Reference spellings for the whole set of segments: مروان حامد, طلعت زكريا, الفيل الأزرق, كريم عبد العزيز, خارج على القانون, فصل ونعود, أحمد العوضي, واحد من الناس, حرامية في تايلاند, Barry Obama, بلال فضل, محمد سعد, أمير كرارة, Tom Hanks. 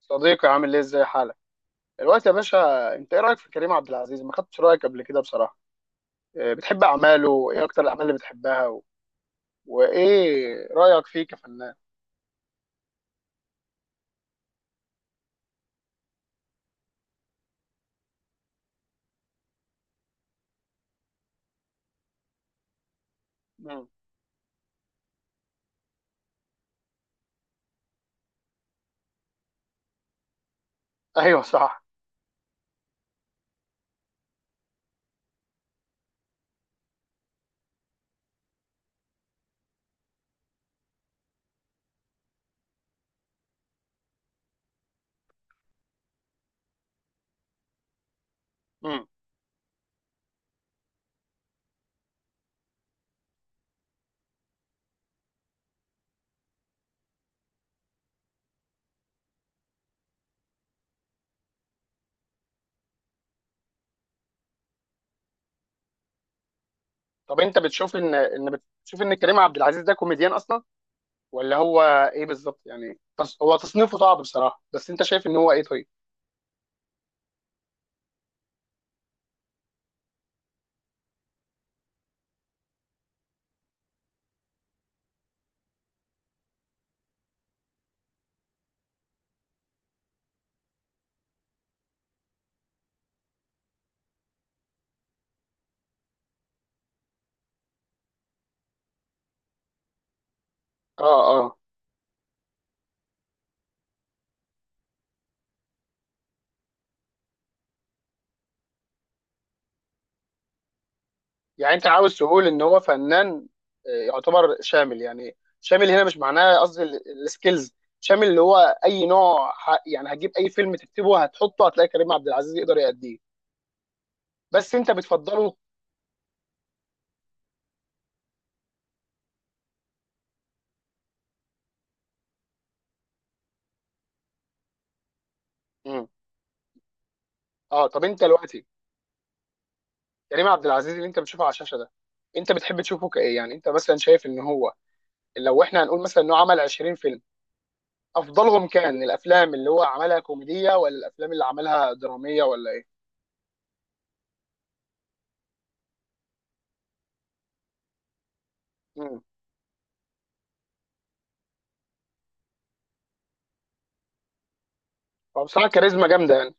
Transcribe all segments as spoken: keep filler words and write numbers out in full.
صديقي، عامل ايه؟ ازاي حالك دلوقتي يا باشا؟ انت ايه رايك في كريم عبد العزيز؟ ما خدتش رايك قبل كده بصراحه. إيه، بتحب اعماله؟ ايه اكتر الاعمال اللي بتحبها و... وايه رايك فيه كفنان؟ مم. ايوه صح. مم. طب انت بتشوف ان ان بتشوف ان كريم عبد العزيز ده كوميديان اصلا ولا هو ايه بالظبط؟ يعني تص... هو تصنيفه صعب بصراحه، بس انت شايف ان هو ايه؟ طيب. اه. يعني انت عاوز تقول ان هو فنان آه، يعتبر شامل. يعني شامل هنا مش معناه قصدي ال- السكيلز، شامل اللي هو اي نوع ح- يعني هتجيب اي فيلم تكتبه هتحطه هتلاقي كريم عبد العزيز يقدر يأديه. بس انت بتفضله. مم. اه طب انت دلوقتي، كريم عبد العزيز اللي انت بتشوفه على الشاشه ده، انت بتحب تشوفه كايه؟ يعني انت مثلا شايف ان هو، لو احنا هنقول مثلا انه عمل عشرين فيلم، افضلهم كان الافلام اللي هو عملها كوميديه ولا الافلام اللي عملها دراميه ولا ايه؟ مم. فبصراحه كاريزما جامده يعني.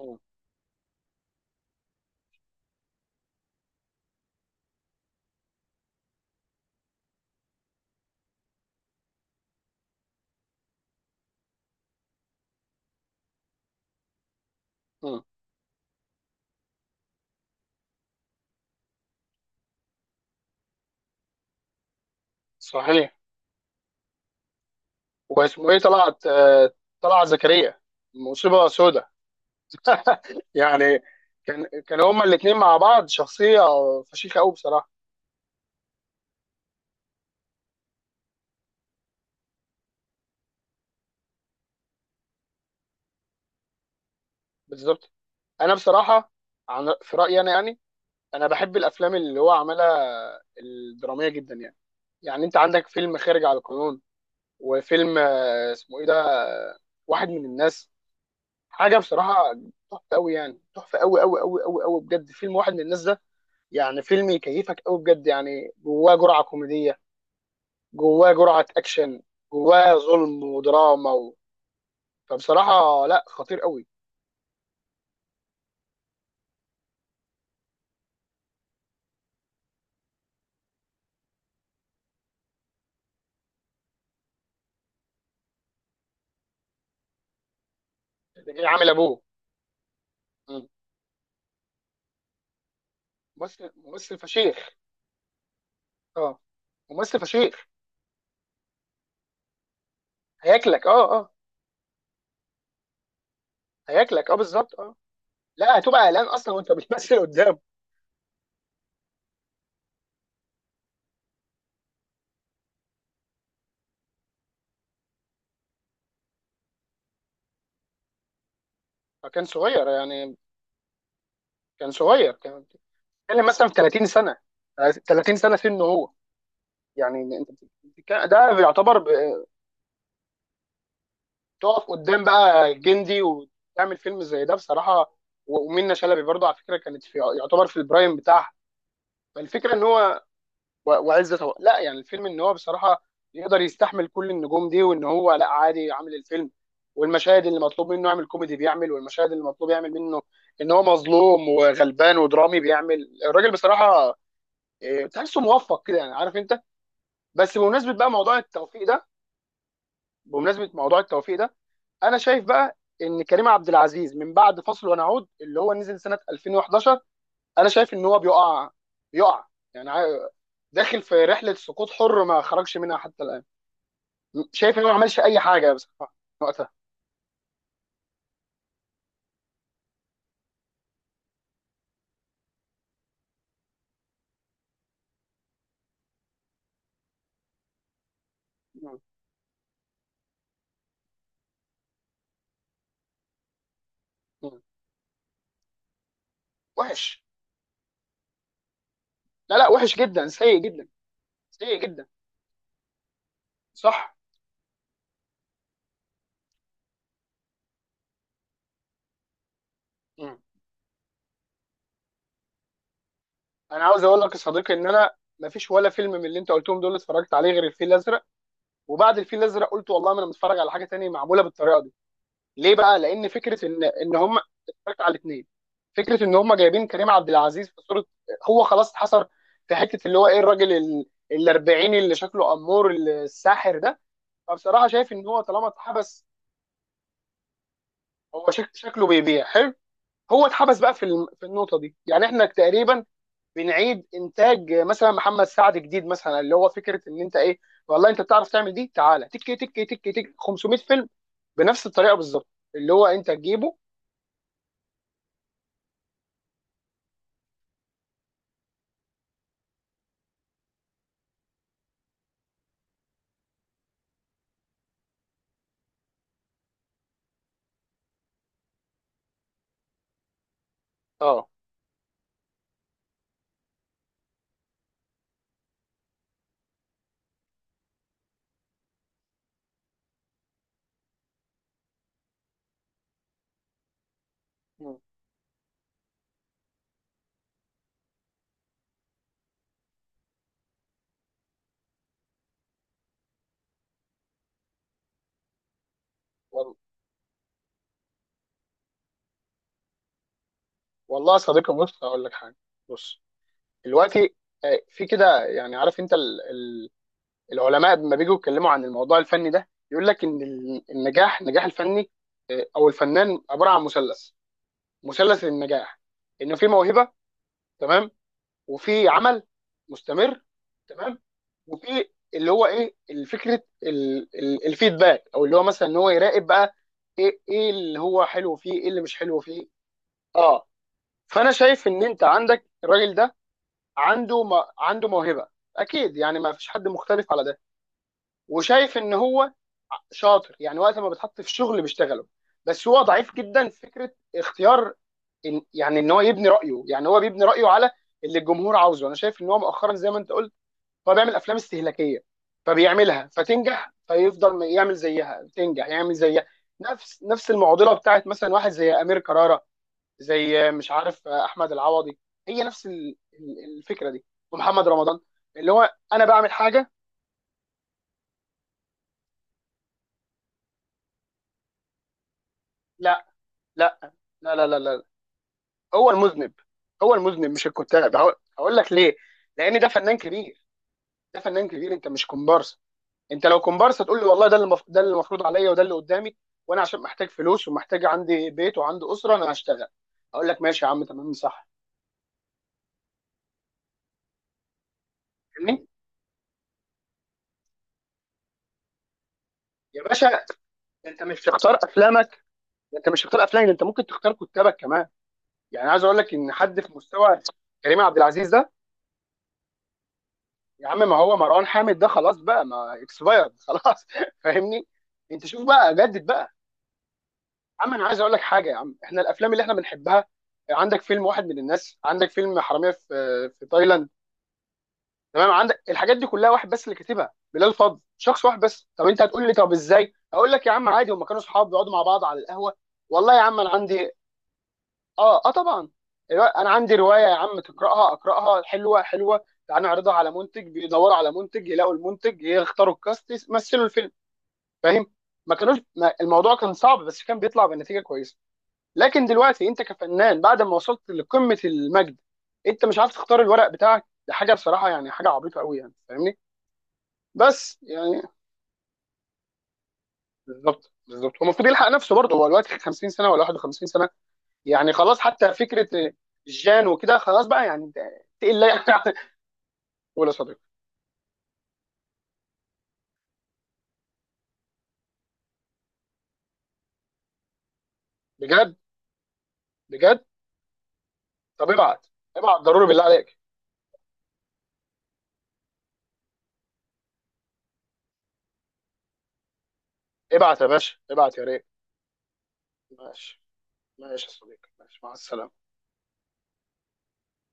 مم. مم. صحيح. واسمه ايه؟ طلعت آه، طلعت زكريا. مصيبه سودة. يعني كان كان هما الاثنين مع بعض شخصيه فشيخه قوي بصراحه. بالظبط. انا بصراحه، عن في رايي انا يعني، انا بحب الافلام اللي هو عملها الدراميه جدا يعني. يعني انت عندك فيلم خارج على القانون، وفيلم آه، اسمه ايه ده؟ آه، واحد من الناس. حاجه بصراحه تحفه قوي، يعني تحفه قوي قوي قوي قوي قوي بجد. فيلم واحد من الناس ده يعني فيلم يكيفك قوي بجد، يعني جواه جرعه كوميديه، جواه جرعة أكشن، جواه ظلم ودراما و... فبصراحة لا، خطير قوي. اللي جاي عامل أبوه. مم. ممثل ممثل فشيخ. اه. ممثل فشيخ. هياكلك، اه اه. هياكلك اه بالظبط اه. لا، هتبقى قلقان أصلا وأنت بتمثل قدامه. فكان صغير يعني. كان صغير كان. بتتكلم مثلا في تلاتين سنة. تلاتين سنة سنه هو. يعني انت بتتكلم- ده بيعتبر ب- تقف قدام بقى جندي وتعمل فيلم زي ده بصراحة. ومنة شلبي برضه على فكرة كانت في يعتبر في البرايم بتاعها. فالفكره ان هو، و- وعزت أبو- لا، يعني الفيلم ان هو بصراحه يقدر يستحمل كل النجوم دي، وان هو لا عادي عامل الفيلم. والمشاهد اللي مطلوب منه يعمل كوميدي بيعمل، والمشاهد اللي مطلوب يعمل منه ان هو مظلوم وغلبان ودرامي بيعمل الراجل بصراحه. إيه، تحسه موفق كده يعني، عارف انت. بس بمناسبه بقى موضوع التوفيق ده، بمناسبه موضوع التوفيق ده، انا شايف بقى ان كريم عبد العزيز من بعد فصل ونعود اللي هو نزل سنه ألفين وحداشر، انا شايف ان هو بيقع. بيقع، يعني عا- داخل في رحله سقوط حر ما خرجش منها حتى الان. شايف ان هو ما عملش اي حاجه بصراحه وقتها. مم. مم. وحش. لا لا، وحش جدا، سيء جدا. سيء جدا. صح. مم. انا عاوز اقول لك يا صديقي ان انا ما فيش ولا فيلم من اللي انت قلتهم دول اتفرجت عليه غير الفيل الازرق. وبعد الفيل الازرق قلت والله ما انا متفرج على حاجه تانية معموله بالطريقه دي. ليه بقى؟ لان فكره ان ان هم، اتفرجت على الاثنين، فكره ان هم جايبين كريم عبد العزيز في صوره هو خلاص اتحصر في حته اللي هو ايه، الراجل ال- الاربعيني اللي شكله امور الساحر ده. فبصراحه شايف ان هو طالما اتحبس، هو شك شكله بيبيع حلو. هو اتحبس بقى في الم- في النقطه دي. يعني احنا تقريبا بنعيد انتاج مثلا محمد سعد جديد، مثلا اللي هو فكره ان انت ايه، والله انت بتعرف تعمل دي، تعالى تك تك تك تك خمسمائة فيلم بنفس الطريقه بالظبط اللي هو انت تجيبه. اه. مم. والله يا صديقي بص هقول لك حاجه. بص دلوقتي، آه، في كده يعني، عارف انت، ال- ال- العلماء لما بيجوا يتكلموا عن الموضوع الفني ده يقول لك ان ال- النجاح، النجاح الفني آه، او الفنان عباره عن مثلث. مثلث النجاح، انه في موهبه، تمام، وفي عمل مستمر، تمام، وفي اللي هو ايه، الفكره ال- ال- الفيدباك، او اللي هو مثلا ان هو يراقب بقى ايه ايه اللي هو حلو فيه، ايه اللي مش حلو فيه. اه. فانا شايف ان انت عندك الراجل ده عنده م... عنده موهبه اكيد، يعني ما فيش حد مختلف على ده. وشايف ان هو شاطر يعني، وقت ما بيتحط في شغل بيشتغله، بس هو ضعيف جدا في فكره اختيار، إن يعني ان هو يبني رايه. يعني هو بيبني رايه على اللي الجمهور عاوزه. انا شايف ان هو مؤخرا زي ما انت قلت، هو بيعمل افلام استهلاكيه، فبيعملها فتنجح فيفضل يعمل زيها، تنجح يعمل زيها. نفس نفس المعضله بتاعت مثلا واحد زي امير كرارة، زي مش عارف احمد العوضي، هي نفس ال- ال- الفكره دي، ومحمد رمضان. اللي هو انا بعمل حاجه. لا لا لا لا لا، لا. هو المذنب، هو المذنب مش الكتاب. هقول هقول لك ليه، لان ده فنان كبير. ده فنان كبير، انت مش كومبارس. انت لو كومبارس تقول لي والله ده اللي المف... ده اللي المفروض عليا وده اللي قدامي، وانا عشان محتاج فلوس ومحتاج عندي بيت وعندي اسره انا هشتغل، اقول لك ماشي يا عم تمام صح. فاهمني يا باشا؟ انت مش بتختار افلامك. انت مش بتختار افلامك، انت ممكن تختار كتابك كمان. يعني عايز اقول لك ان حد في مستوى كريم عبد العزيز ده! يا عم ما هو مروان حامد ده خلاص بقى، ما اكسبايرد خلاص فاهمني. انت شوف بقى جدد بقى. يا عم انا عايز اقول لك حاجه يا عم، احنا الافلام اللي احنا بنحبها، عندك فيلم واحد من الناس، عندك فيلم حراميه في في تايلاند، تمام؟ عندك الحاجات دي كلها، واحد بس اللي كاتبها، بلال فضل، شخص واحد بس. طب انت هتقول لي طب ازاي؟ اقول لك يا عم عادي، هم كانوا اصحاب بيقعدوا مع بعض على القهوه. والله يا عم انا عندي، اه اه طبعا، الوا- انا عندي روايه يا عم تقراها، اقراها حلوه، حلوه تعال نعرضها على منتج، بيدوروا على منتج، يلاقوا المنتج، يختاروا الكاست، يمثلوا الفيلم، فاهم؟ ما كانوش، ما الموضوع كان صعب بس كان بيطلع بنتيجه كويسه. لكن دلوقتي انت كفنان بعد ما وصلت لقمه المجد، انت مش عارف تختار الورق بتاعك! ده حاجه بصراحه يعني حاجه عبيطه قوي يعني، فاهمني؟ بس يعني، بالظبط بالظبط هو المفروض يلحق نفسه برضه، هو دلوقتي خمسين سنه ولا واحد وخمسين سنه، يعني خلاص حتى فكره جان وكده خلاص بقى، يعني انت تقل لا يعني ولا صديق. بجد؟ بجد. طب ابعت، ابعت ضروري بالله عليك. ابعت يا باشا، ابعت يا ريت. ماشي. ماشي يا صديقي، ماشي مع السلامه.